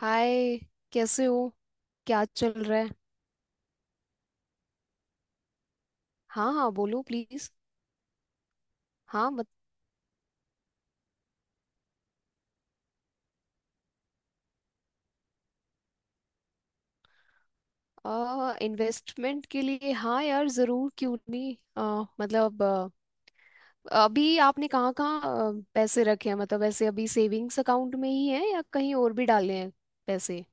हाय। कैसे हो? क्या चल रहा है? हाँ हाँ, बोलो प्लीज। हाँ, मत। इन्वेस्टमेंट के लिए, हाँ यार, जरूर, क्यों नहीं। मतलब अभी आपने कहाँ कहाँ पैसे रखे हैं? मतलब ऐसे अभी सेविंग्स अकाउंट में ही है या कहीं और भी डाले हैं पैसे?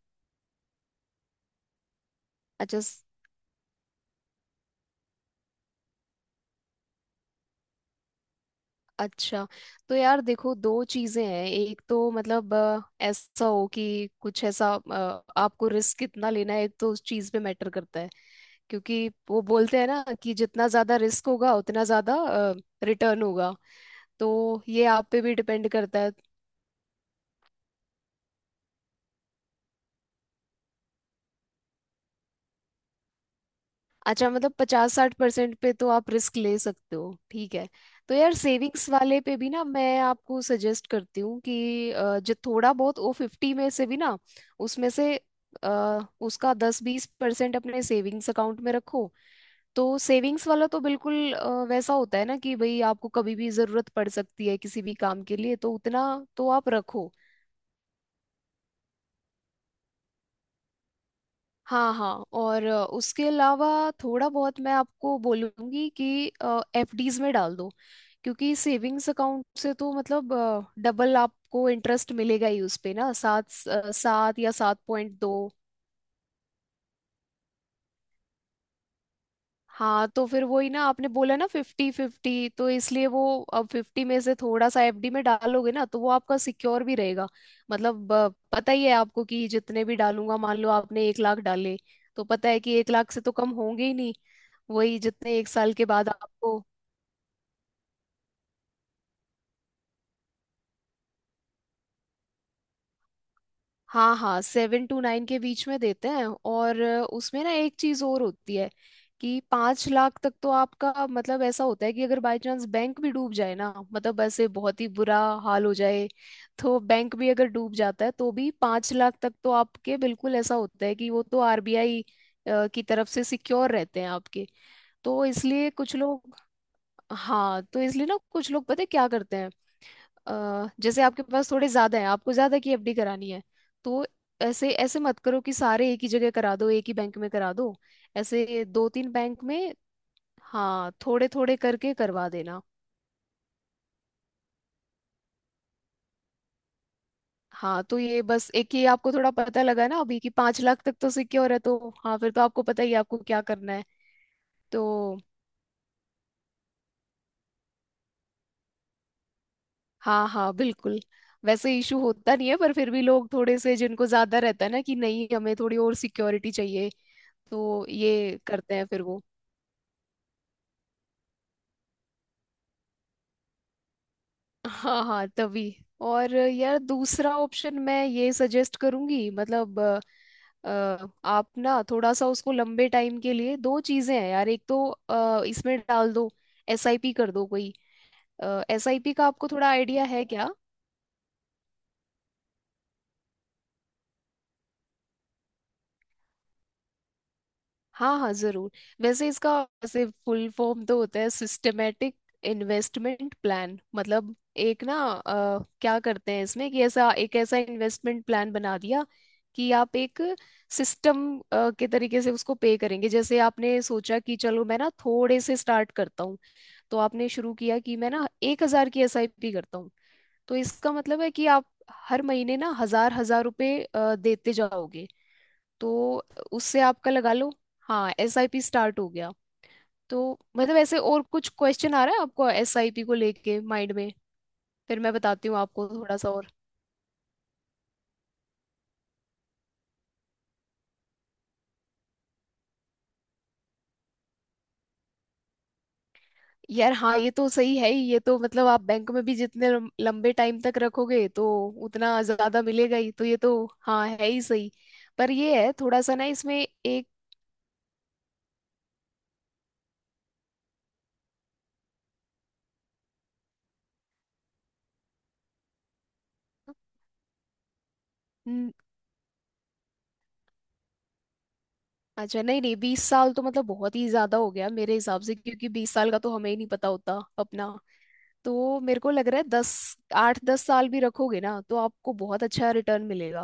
अच्छा। अच्छा। तो यार देखो, दो चीजें हैं। एक तो मतलब ऐसा हो कि कुछ ऐसा आपको रिस्क कितना लेना है, एक तो उस चीज पे मैटर करता है। क्योंकि वो बोलते हैं ना कि जितना ज्यादा रिस्क होगा, उतना ज्यादा रिटर्न होगा। तो ये आप पे भी डिपेंड करता है। अच्छा, मतलब 50-60% पे तो आप रिस्क ले सकते हो, ठीक है। तो यार, सेविंग्स वाले पे भी ना, मैं आपको सजेस्ट करती हूँ कि जो थोड़ा बहुत ओ फिफ्टी में से भी ना, उसमें से उसका 10-20% अपने सेविंग्स अकाउंट में रखो। तो सेविंग्स वाला तो बिल्कुल वैसा होता है ना कि भाई आपको कभी भी जरूरत पड़ सकती है किसी भी काम के लिए, तो उतना तो आप रखो। हाँ हाँ। और उसके अलावा थोड़ा बहुत मैं आपको बोलूँगी कि एफडीज में डाल दो, क्योंकि सेविंग्स अकाउंट से तो मतलब डबल आपको इंटरेस्ट मिलेगा ही उस पे ना, 7 या 7.2। हाँ, तो फिर वही ना, आपने बोला ना फिफ्टी फिफ्टी, तो इसलिए वो अब फिफ्टी में से थोड़ा सा एफडी में डालोगे ना, तो वो आपका सिक्योर भी रहेगा। मतलब पता ही है आपको कि जितने भी डालूंगा, मान लो आपने 1 लाख डाले, तो पता है कि 1 लाख से तो कम होंगे ही नहीं, वही जितने एक साल के बाद आपको। हाँ हाँ, 7 से 9 के बीच में देते हैं। और उसमें ना एक चीज और होती है, कि 5 लाख तक तो आपका मतलब ऐसा होता है कि अगर बाय चांस बैंक भी डूब जाए ना, मतलब ऐसे बहुत ही बुरा हाल हो जाए, तो बैंक भी अगर डूब जाता है तो भी 5 लाख तक तो आपके बिल्कुल ऐसा होता है कि वो तो आरबीआई की तरफ से सिक्योर रहते हैं आपके। तो इसलिए कुछ लोग, हाँ, तो इसलिए ना कुछ लोग पता है क्या करते हैं, जैसे आपके पास थोड़े ज्यादा है, आपको ज्यादा की एफडी करानी है, तो ऐसे ऐसे मत करो कि सारे एक ही जगह करा दो, एक ही बैंक में करा दो। ऐसे दो तीन बैंक में, हाँ, थोड़े थोड़े करके करवा देना। हाँ, तो ये बस एक ही आपको थोड़ा पता लगा ना अभी, कि 5 लाख तक तो सिक्योर है, तो हाँ, फिर तो आपको पता ही है आपको क्या करना है। तो हाँ हाँ, बिल्कुल। वैसे इशू होता नहीं है, पर फिर भी लोग थोड़े से जिनको ज्यादा रहता है ना कि नहीं, हमें थोड़ी और सिक्योरिटी चाहिए, तो ये करते हैं फिर वो। हाँ हाँ, तभी। और यार दूसरा ऑप्शन मैं ये सजेस्ट करूंगी, मतलब आप ना थोड़ा सा उसको लंबे टाइम के लिए, दो चीजें हैं यार, एक तो इसमें डाल दो, एसआईपी कर दो कोई। एसआईपी का आपको थोड़ा आइडिया है क्या? हाँ हाँ जरूर। वैसे इसका वैसे फुल फॉर्म तो होता है सिस्टमेटिक इन्वेस्टमेंट प्लान। मतलब एक ना, क्या करते हैं इसमें कि ऐसा एक ऐसा इन्वेस्टमेंट प्लान बना दिया कि आप एक सिस्टम के तरीके से उसको पे करेंगे। जैसे आपने सोचा कि चलो, मैं ना थोड़े से स्टार्ट करता हूँ, तो आपने शुरू किया कि मैं ना 1,000 की एसआईपी करता हूँ। तो इसका मतलब है कि आप हर महीने ना हजार हजार रुपए देते जाओगे। तो उससे आपका लगा लो, हाँ, एस आई पी स्टार्ट हो गया। तो मतलब ऐसे और कुछ क्वेश्चन आ रहा है आपको एस आई पी को लेके माइंड में, फिर मैं बताती हूँ आपको थोड़ा सा और। यार हाँ, ये तो सही है ही, ये तो मतलब आप बैंक में भी जितने लंबे टाइम तक रखोगे तो उतना ज्यादा मिलेगा ही, तो ये तो हाँ, है ही सही। पर ये है थोड़ा सा ना इसमें एक न- अच्छा, नहीं नहीं, 20 साल तो मतलब बहुत ही ज्यादा हो गया मेरे हिसाब से, क्योंकि 20 साल का तो हमें ही नहीं पता होता अपना। तो मेरे को लग रहा है दस 8-10 साल भी रखोगे ना तो आपको बहुत अच्छा रिटर्न मिलेगा।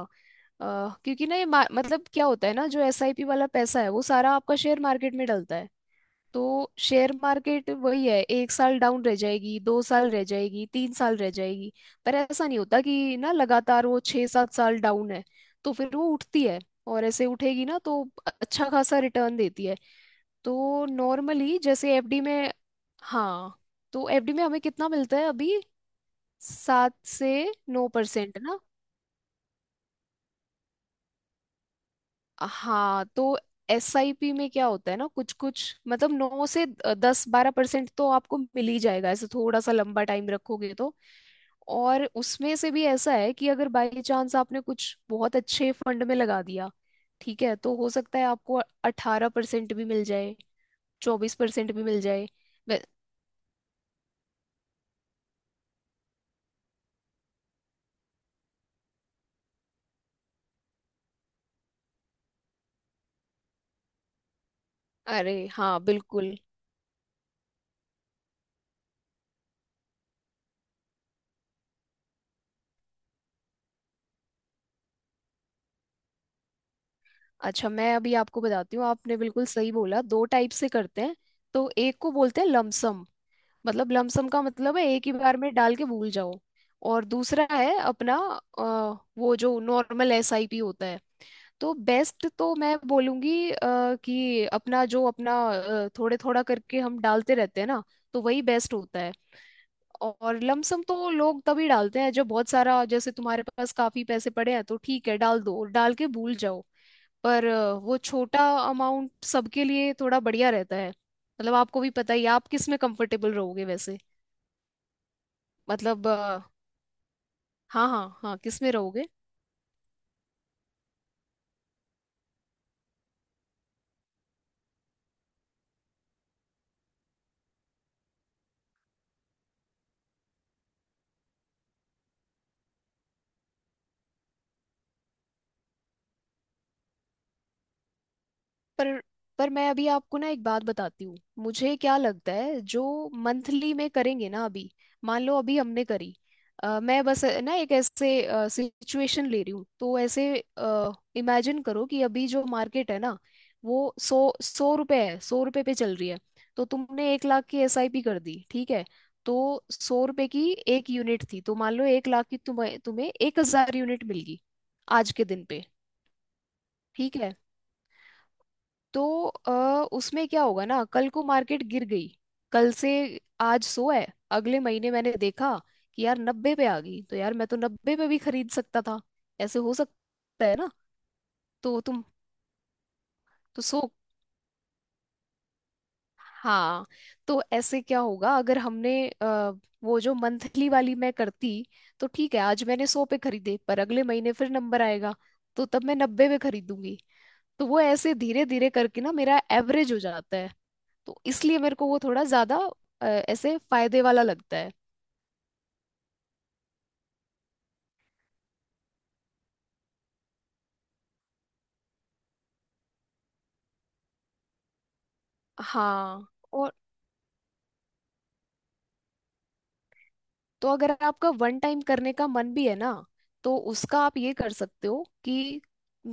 क्योंकि ना ये मतलब क्या होता है ना, जो एसआईपी वाला पैसा है वो सारा आपका शेयर मार्केट में डलता है। तो शेयर मार्केट वही है, एक साल डाउन रह जाएगी, 2 साल रह जाएगी, 3 साल रह जाएगी, पर ऐसा नहीं होता कि ना लगातार वो 6-7 साल डाउन है। तो फिर वो उठती है, और ऐसे उठेगी ना तो अच्छा खासा रिटर्न देती है। तो नॉर्मली जैसे एफडी में, हाँ, तो एफडी में हमें कितना मिलता है अभी, 7 से 9% ना। हाँ, तो एसआईपी में क्या होता है ना, कुछ कुछ मतलब 9 से 10-12% तो आपको मिल ही जाएगा, ऐसे थोड़ा सा लंबा टाइम रखोगे तो। और उसमें से भी ऐसा है कि अगर बाई चांस आपने कुछ बहुत अच्छे फंड में लगा दिया, ठीक है, तो हो सकता है आपको 18% भी मिल जाए, 24% भी मिल जाए। वे- अरे हाँ बिल्कुल। अच्छा, मैं अभी आपको बताती हूँ, आपने बिल्कुल सही बोला, दो टाइप से करते हैं। तो एक को बोलते हैं लमसम। मतलब लमसम का मतलब है एक ही बार में डाल के भूल जाओ। और दूसरा है अपना अ, वो जो नॉर्मल एसआईपी होता है। तो बेस्ट तो मैं बोलूंगी कि अपना जो अपना थोड़े थोड़ा करके हम डालते रहते हैं ना, तो वही बेस्ट होता है। और लमसम तो लोग तभी डालते हैं जब बहुत सारा, जैसे तुम्हारे पास काफी पैसे पड़े हैं तो ठीक है, डाल दो, डाल के भूल जाओ। पर वो छोटा अमाउंट सबके लिए थोड़ा बढ़िया रहता है, मतलब आपको भी पता ही है, आप किस में कंफर्टेबल रहोगे वैसे। मतलब हाँ हाँ हाँ, किस में रहोगे? पर पर मैं अभी आपको ना एक बात बताती हूँ, मुझे क्या लगता है जो मंथली में करेंगे ना अभी, मान लो अभी हमने करी, मैं बस ना एक ऐसे सिचुएशन ले रही हूँ, तो ऐसे इमेजिन करो कि अभी जो मार्केट है ना, वो सौ सौ रुपए है, 100 रुपए पे चल रही है। तो तुमने 1 लाख की एसआईपी कर दी, ठीक है। तो 100 रुपए की एक यूनिट थी, तो मान लो 1 लाख की तुम्हें तुम्हें 1,000 यूनिट मिल गई आज के दिन पे, ठीक है। तो उसमें क्या होगा ना, कल को मार्केट गिर गई। कल से आज 100 है, अगले महीने मैंने देखा कि यार 90 पे आ गई, तो यार, मैं तो 90 पे भी खरीद सकता था। ऐसे हो सकता है ना। तो तुम। तो सो। हाँ, तो ऐसे क्या होगा अगर हमने, वो जो मंथली वाली मैं करती, तो ठीक है, आज मैंने 100 पे खरीदे, पर अगले महीने फिर नंबर आएगा, तो तब मैं 90 पे खरीदूंगी। तो वो ऐसे धीरे धीरे करके ना मेरा एवरेज हो जाता है। तो इसलिए मेरे को वो थोड़ा ज्यादा ऐसे फायदे वाला लगता है। हाँ। और तो अगर आपका वन टाइम करने का मन भी है ना, तो उसका आप ये कर सकते हो कि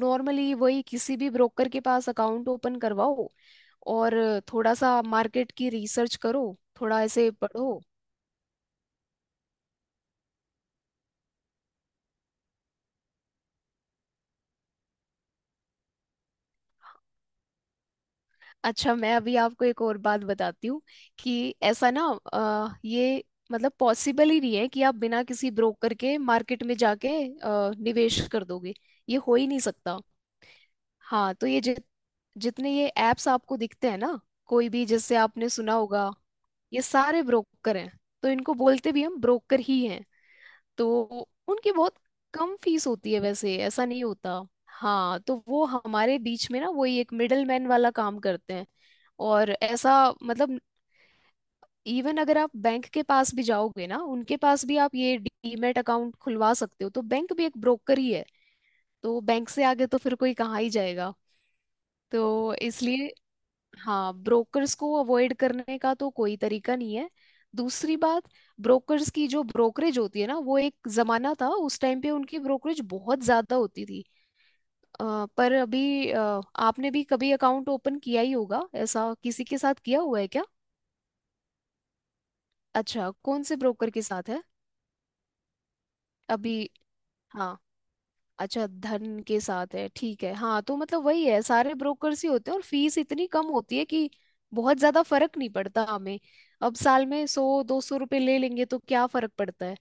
नॉर्मली वही किसी भी ब्रोकर के पास अकाउंट ओपन करवाओ, और थोड़ा सा मार्केट की रिसर्च करो, थोड़ा ऐसे पढ़ो। अच्छा, मैं अभी आपको एक और बात बताती हूँ, कि ऐसा ना, ये मतलब पॉसिबल ही नहीं है कि आप बिना किसी ब्रोकर के मार्केट में जाके निवेश कर दोगे, ये हो ही नहीं सकता। हाँ, तो ये जितने ये एप्स आपको दिखते हैं ना, कोई भी जैसे आपने सुना होगा, ये सारे ब्रोकर हैं। तो इनको बोलते भी हम ब्रोकर ही हैं। तो उनकी बहुत कम फीस होती है, वैसे ऐसा नहीं होता। हाँ, तो वो हमारे बीच में ना, वही एक मिडल मैन वाला काम करते हैं। और ऐसा मतलब, इवन अगर आप बैंक के पास भी जाओगे ना, उनके पास भी आप ये डीमैट अकाउंट खुलवा सकते हो, तो बैंक भी एक ब्रोकर ही है। तो बैंक से आगे तो फिर कोई कहाँ ही जाएगा। तो इसलिए हाँ, ब्रोकर्स को अवॉइड करने का तो कोई तरीका नहीं है। दूसरी बात, ब्रोकर्स की जो ब्रोकरेज होती है ना, वो एक जमाना था उस टाइम पे उनकी ब्रोकरेज बहुत ज्यादा होती थी। पर अभी, आपने भी कभी अकाउंट ओपन किया ही होगा, ऐसा किसी के साथ किया हुआ है क्या? अच्छा, कौन से ब्रोकर के साथ है अभी? हाँ, अच्छा, धन के साथ है, ठीक है। हाँ, तो मतलब वही है, सारे ब्रोकर्स ही होते हैं और फीस इतनी कम होती है कि बहुत ज्यादा फर्क नहीं पड़ता हमें। अब साल में 100-200 रुपये ले लेंगे तो क्या फर्क पड़ता है।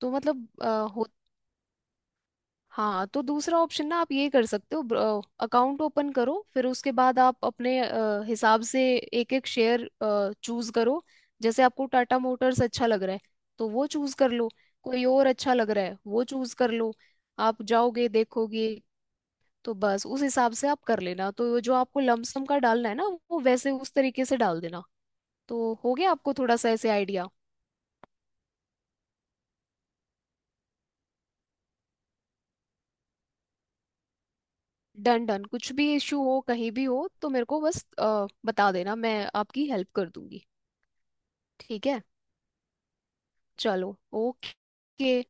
तो मतलब आ, हो हाँ, तो दूसरा ऑप्शन ना, आप ये कर सकते हो अकाउंट ओपन करो, फिर उसके बाद आप अपने हिसाब से एक एक शेयर चूज करो। जैसे आपको टाटा मोटर्स अच्छा लग रहा है तो वो चूज कर लो। कोई और अच्छा लग रहा है वो चूज कर लो। आप जाओगे देखोगे, तो बस उस हिसाब से आप कर लेना। तो वो जो आपको लमसम का डालना है ना, वो वैसे उस तरीके से डाल देना। तो हो गया आपको थोड़ा सा ऐसे आइडिया। डन डन, कुछ भी इश्यू हो, कहीं भी हो तो मेरे को बस बता देना, मैं आपकी हेल्प कर दूंगी। ठीक है, चलो, ओके।